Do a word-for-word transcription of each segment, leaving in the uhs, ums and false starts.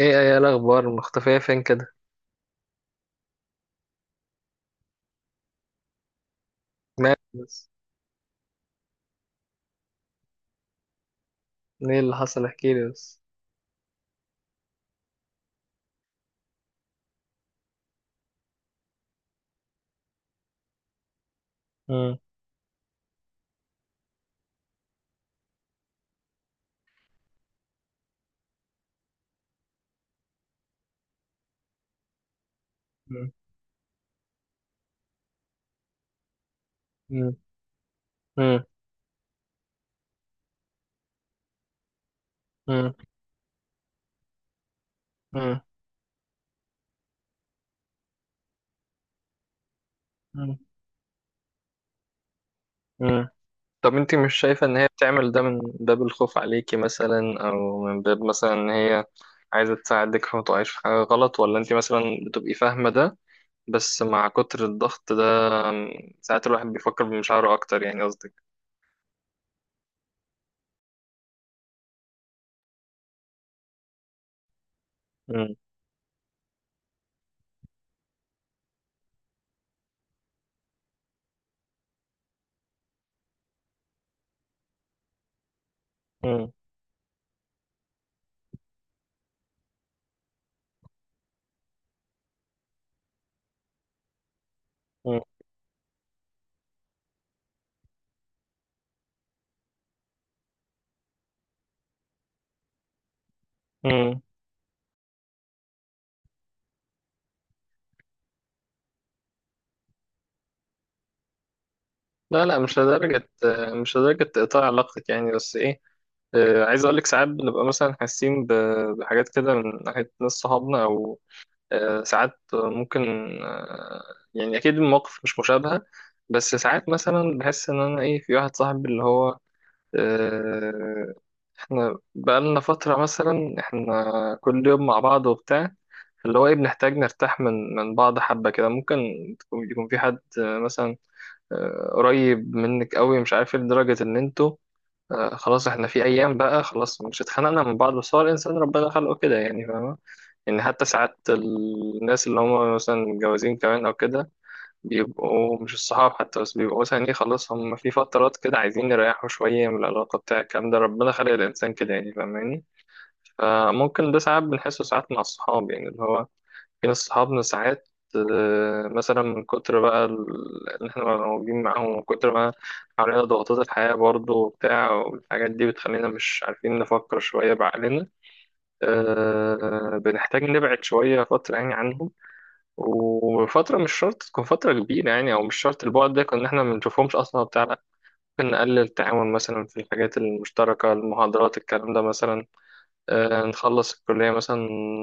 ايه ايه الاخبار مختفية فين كده؟ مالك بس؟ ايه اللي حصل؟ احكيلي بس. مم. مم. مم. مم. مم. مم. مم. مم. طب انتي مش شايفة ان هي بتعمل ده من باب الخوف عليكي مثلا، او من باب مثلا ان هي عايزة تساعدك فما تقعيش في حاجة غلط، ولا انتي مثلا بتبقي فاهمة ده؟ بس مع كتر الضغط ده ساعات الواحد بيفكر بمشاعره اكتر، يعني قصدك. مم. مم. مم. مم. لا لا، مش لدرجة، مش لدرجة تقطع علاقتك يعني. بس ايه، آه، عايز اقول لك ساعات بنبقى مثلا حاسين ب- بحاجات كده من ناحيه ناس صحابنا او آه، ساعات ممكن آه، يعني اكيد المواقف مش مشابهه. بس ساعات مثلا بحس ان انا ايه، في واحد صاحبي اللي هو آه، احنا بقالنا فتره مثلا، احنا كل يوم مع بعض وبتاع، اللي هو ايه، بنحتاج نرتاح من من بعض حبة كده. ممكن تكون- يكون في حد آه، مثلا آه، قريب منك قوي مش عارف إيه، لدرجة ان انتوا آه، خلاص احنا في ايام بقى خلاص مش اتخانقنا من بعض. بس هو الانسان ربنا خلقه كده يعني، فاهمة؟ ان حتى ساعات الناس اللي هم مثلا متجوزين كمان او كده، بيبقوا مش الصحاب حتى، بس بيبقوا مثلا ايه خلاص، هم في فترات كده عايزين يريحوا شوية من العلاقة بتاع الكلام ده. ربنا خلق الانسان كده يعني، فاهماني؟ فممكن ده ساعات بنحسه ساعات مع الصحاب يعني، اللي هو في ناس صحابنا ساعات آه، مثلا من كتر بقى ال- اللي احنا بنبقى موجودين معاهم، ومن كتر ما علينا ضغوطات الحياة برضه وبتاع والحاجات دي، بتخلينا مش عارفين نفكر شوية بعقلنا. آه، بنحتاج نبعد شوية فترة يعني عنهم. وفترة مش شرط تكون فترة كبيرة يعني، أو مش شرط البعد ده كنا احنا ما بنشوفهمش أصلا وبتاع، لا، ممكن نقلل التعاون مثلا في الحاجات المشتركة، المحاضرات الكلام ده مثلا. آه، نخلص الكلية مثلا،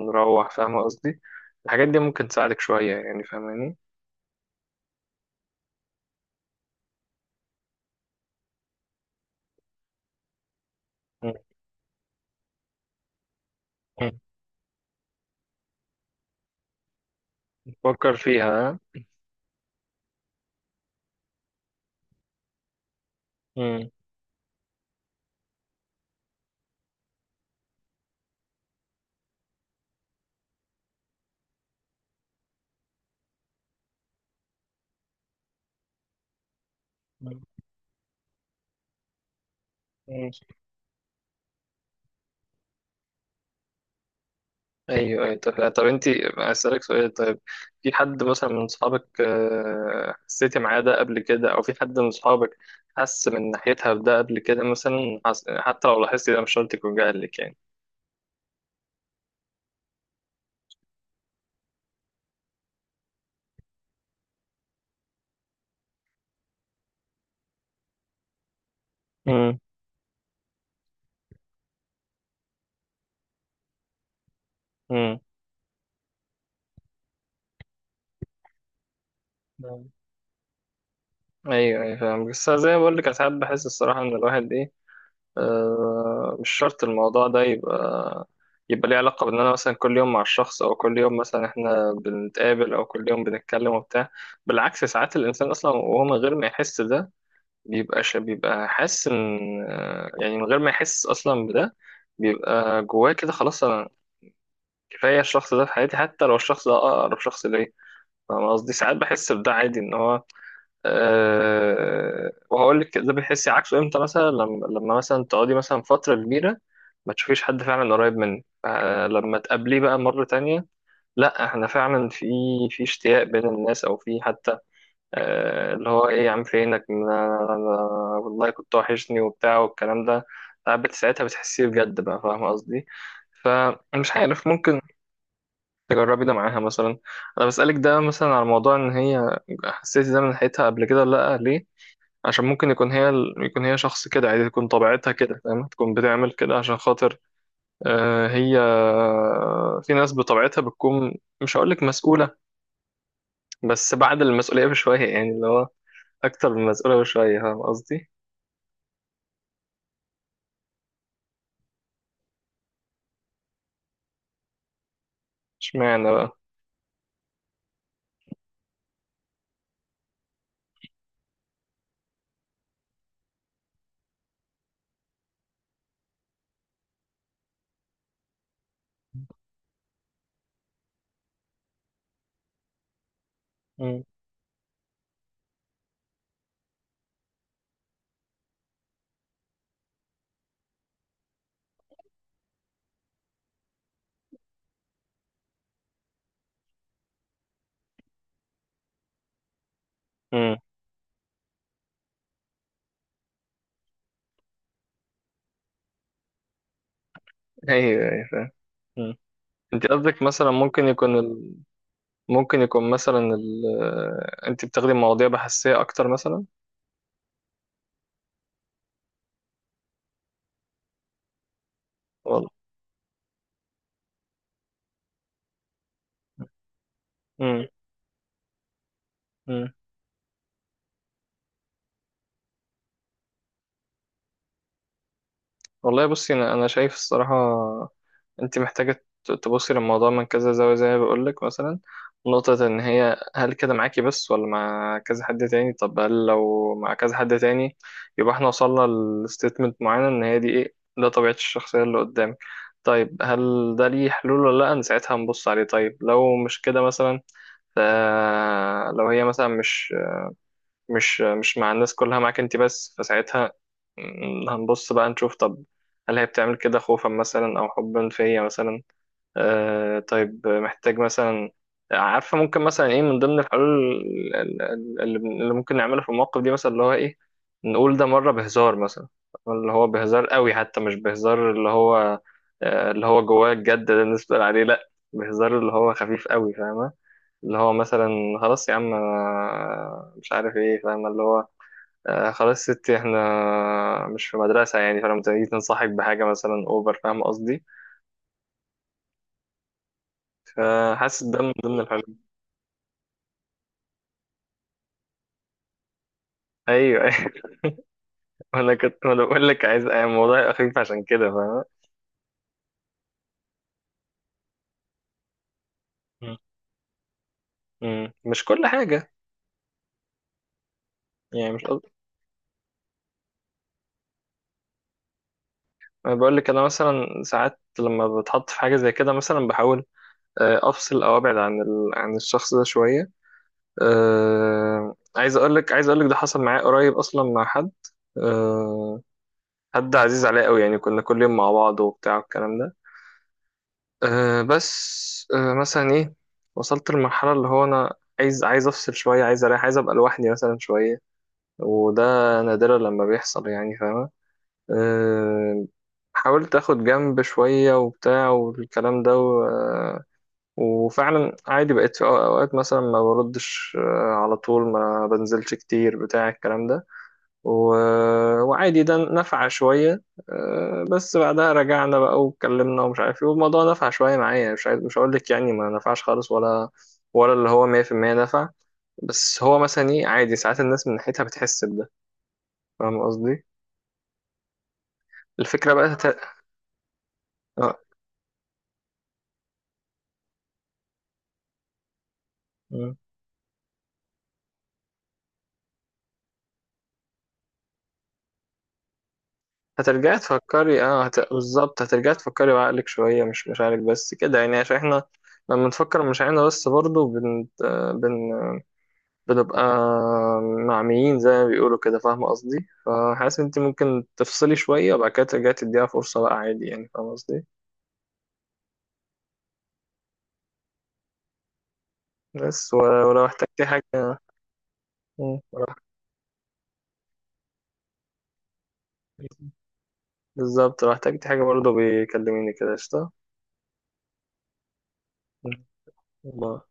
نروح، فاهم قصدي؟ الحاجات دي ممكن تساعدك شوية يعني، فاهماني؟ مم. مم. فكر فيها ها؟ مم. مم. مم. ايوه ايوه. طب, طب انت، اسألك سؤال؟ طيب، في حد مثلا من صحابك آه، حسيتي معاه ده قبل كده، او في حد من صحابك حس من ناحيتها بده قبل كده مثلا؟ حس... حتى لو لاحظتي ده مش شرط يكون جاهلك يعني. مم. مم. ايوه ايوه فاهم. بس زي ما بقول لك ساعات بحس الصراحة ان الواحد ايه، آه، مش شرط الموضوع ده يبقى، يبقى ليه علاقة بإن أنا مثلا كل يوم مع الشخص، أو كل يوم مثلا إحنا بنتقابل، أو كل يوم بنتكلم وبتاع. بالعكس ساعات الإنسان أصلا، وهو من غير ما يحس ده، بيبقى ش- بيبقى حاسس إن آه، يعني من غير ما يحس أصلا بده، بيبقى جواه كده خلاص، أنا كفاية الشخص ده في حياتي، حتى لو الشخص ده أقرب شخص ليا. فاهم قصدي؟ ساعات بحس بده عادي إن هو. أه وهقول لك ده بتحسي عكسه امتى، مثلا لما لما مثلا تقعدي مثلا فترة كبيرة ما تشوفيش حد فعلا قريب منك. أه لما تقابليه بقى مرة تانية، لا احنا فعلا في في اشتياق بين الناس، او في حتى أه اللي هو ايه، يا عم فينك، أنا- أنا- أنا والله كنت وحشني وبتاع والكلام ده. قعدت ساعتها بتحسيه بجد بقى، فاهمة قصدي؟ فمش عارف، ممكن تجربي ده معاها مثلا. انا بسألك ده مثلا على موضوع ان هي حسيتي ده من ناحيتها قبل كده ولا لا، ليه؟ عشان ممكن يكون هي، يكون هي شخص كده عادي، تكون طبيعتها كده فاهم، تكون بتعمل كده عشان خاطر آه، هي، في ناس بطبيعتها بتكون، مش هقول لك مسؤولة، بس بعد المسؤولية بشوية يعني، اللي هو أكتر من مسؤولة بشوية. فاهم قصدي؟ اشمعنى بقى؟ مم. مم. أيوه أيوه فاهم. مم. أنت قصدك مثلا ممكن يكون ال... ممكن يكون مثلا ال... آه، أنت بتاخدي مواضيع بحثية أكتر مثلا؟ والله. مم. مم. والله بصي، أنا أنا شايف الصراحة انت محتاجة ت- تبصي للموضوع من كذا زاوية. زي ما بقولك مثلا، نقطة ان هي هل كده معاكي بس، ولا مع كذا حد تاني؟ طب هل لو مع كذا حد تاني، يبقى احنا وصلنا لستيتمنت معينة ان هي دي ايه، ده طبيعة الشخصية اللي قدامك. طيب هل ده ليه حلول ولا لا؟ انا ساعتها هنبص عليه. طيب لو مش كده مثلا، ف- لو هي مثلا مش مش مش مع الناس كلها معاك انت بس، فساعتها م- هنبص بقى نشوف، طب هل هي بتعمل كده خوفا مثلا، او حبا فيا مثلا؟ آه طيب، محتاج مثلا، عارفة ممكن مثلا ايه من ضمن الحلول ال- ال- اللي بن- اللي ممكن نعملها في المواقف دي مثلا، اللي هو ايه، نقول ده مرة بهزار مثلا. اللي هو بهزار قوي حتى، مش بهزار اللي هو آه اللي هو جواه الجد ده، الناس بتقول عليه لا، بهزار اللي هو خفيف قوي، فاهمة؟ اللي هو مثلا خلاص يا عم أنا مش عارف ايه، فاهمة اللي هو آه خلاص ستي احنا مش في مدرسة يعني. فلما تيجي تنصحك بحاجة مثلا اوفر، فاهمة قصدي؟ فحاسس ده من ضمن الحلول. ايوه ايوه. انا كنت، ما أنا بقول لك عايز يعني الموضوع يبقى خفيف عشان كده، فاهم؟ م. م. مش كل حاجه يعني، مش قصد... انا بقول لك انا مثلا ساعات لما بتحط في حاجه زي كده مثلا، بحاول آه، افصل او ابعد عن ال... عن الشخص ده شويه. آه، عايز اقول لك، عايز اقول لك ده حصل معايا قريب اصلا، مع حد آه، حد عزيز عليا قوي يعني، كنا كل يوم مع بعض وبتاع والكلام ده. آه، بس آه، مثلا ايه، وصلت للمرحله اللي هو انا عايز عايز افصل شويه، عايز اريح، عايز ابقى لوحدي مثلا شويه. وده نادرا لما بيحصل يعني، فاهمة؟ أه، حاولت اخد جنب شوية وبتاع والكلام ده و- آه، وفعلا عادي بقيت في أو- اوقات مثلا ما بردش آه، على طول، ما بنزلش كتير بتاع الكلام ده. و- وعادي ده نفع شوية. آه، بس بعدها رجعنا بقى واتكلمنا ومش عارف ايه، والموضوع نفع شوية معايا. مش عايز، مش هقول لك يعني ما نفعش خالص، ولا ولا اللي هو مائة في المائة نفع. بس هو مثلا ايه، عادي ساعات الناس من ناحيتها بتحس بده، فاهم قصدي؟ الفكرة بقى هت... آه. مم. هترجعي تفكري، اه هت... بالظبط، هترجعي تفكري بعقلك شوية مش مشاعرك بس كده يعني. عشان احنا لما نفكر بمشاعرنا بس برضه بن... بن... بنبقى معميين زي ما بيقولوا كده، فاهمة قصدي؟ فحاسس انت ممكن تفصلي شوية، وبعد كده ترجعي تديها فرصة بقى عادي يعني، فاهمة قصدي؟ بس و... ولو احتجتي حاجة. مم. ولو احتجتي- بالظبط لو احتجتي حاجة برضه بيكلميني كده، قشطة. مم. باي.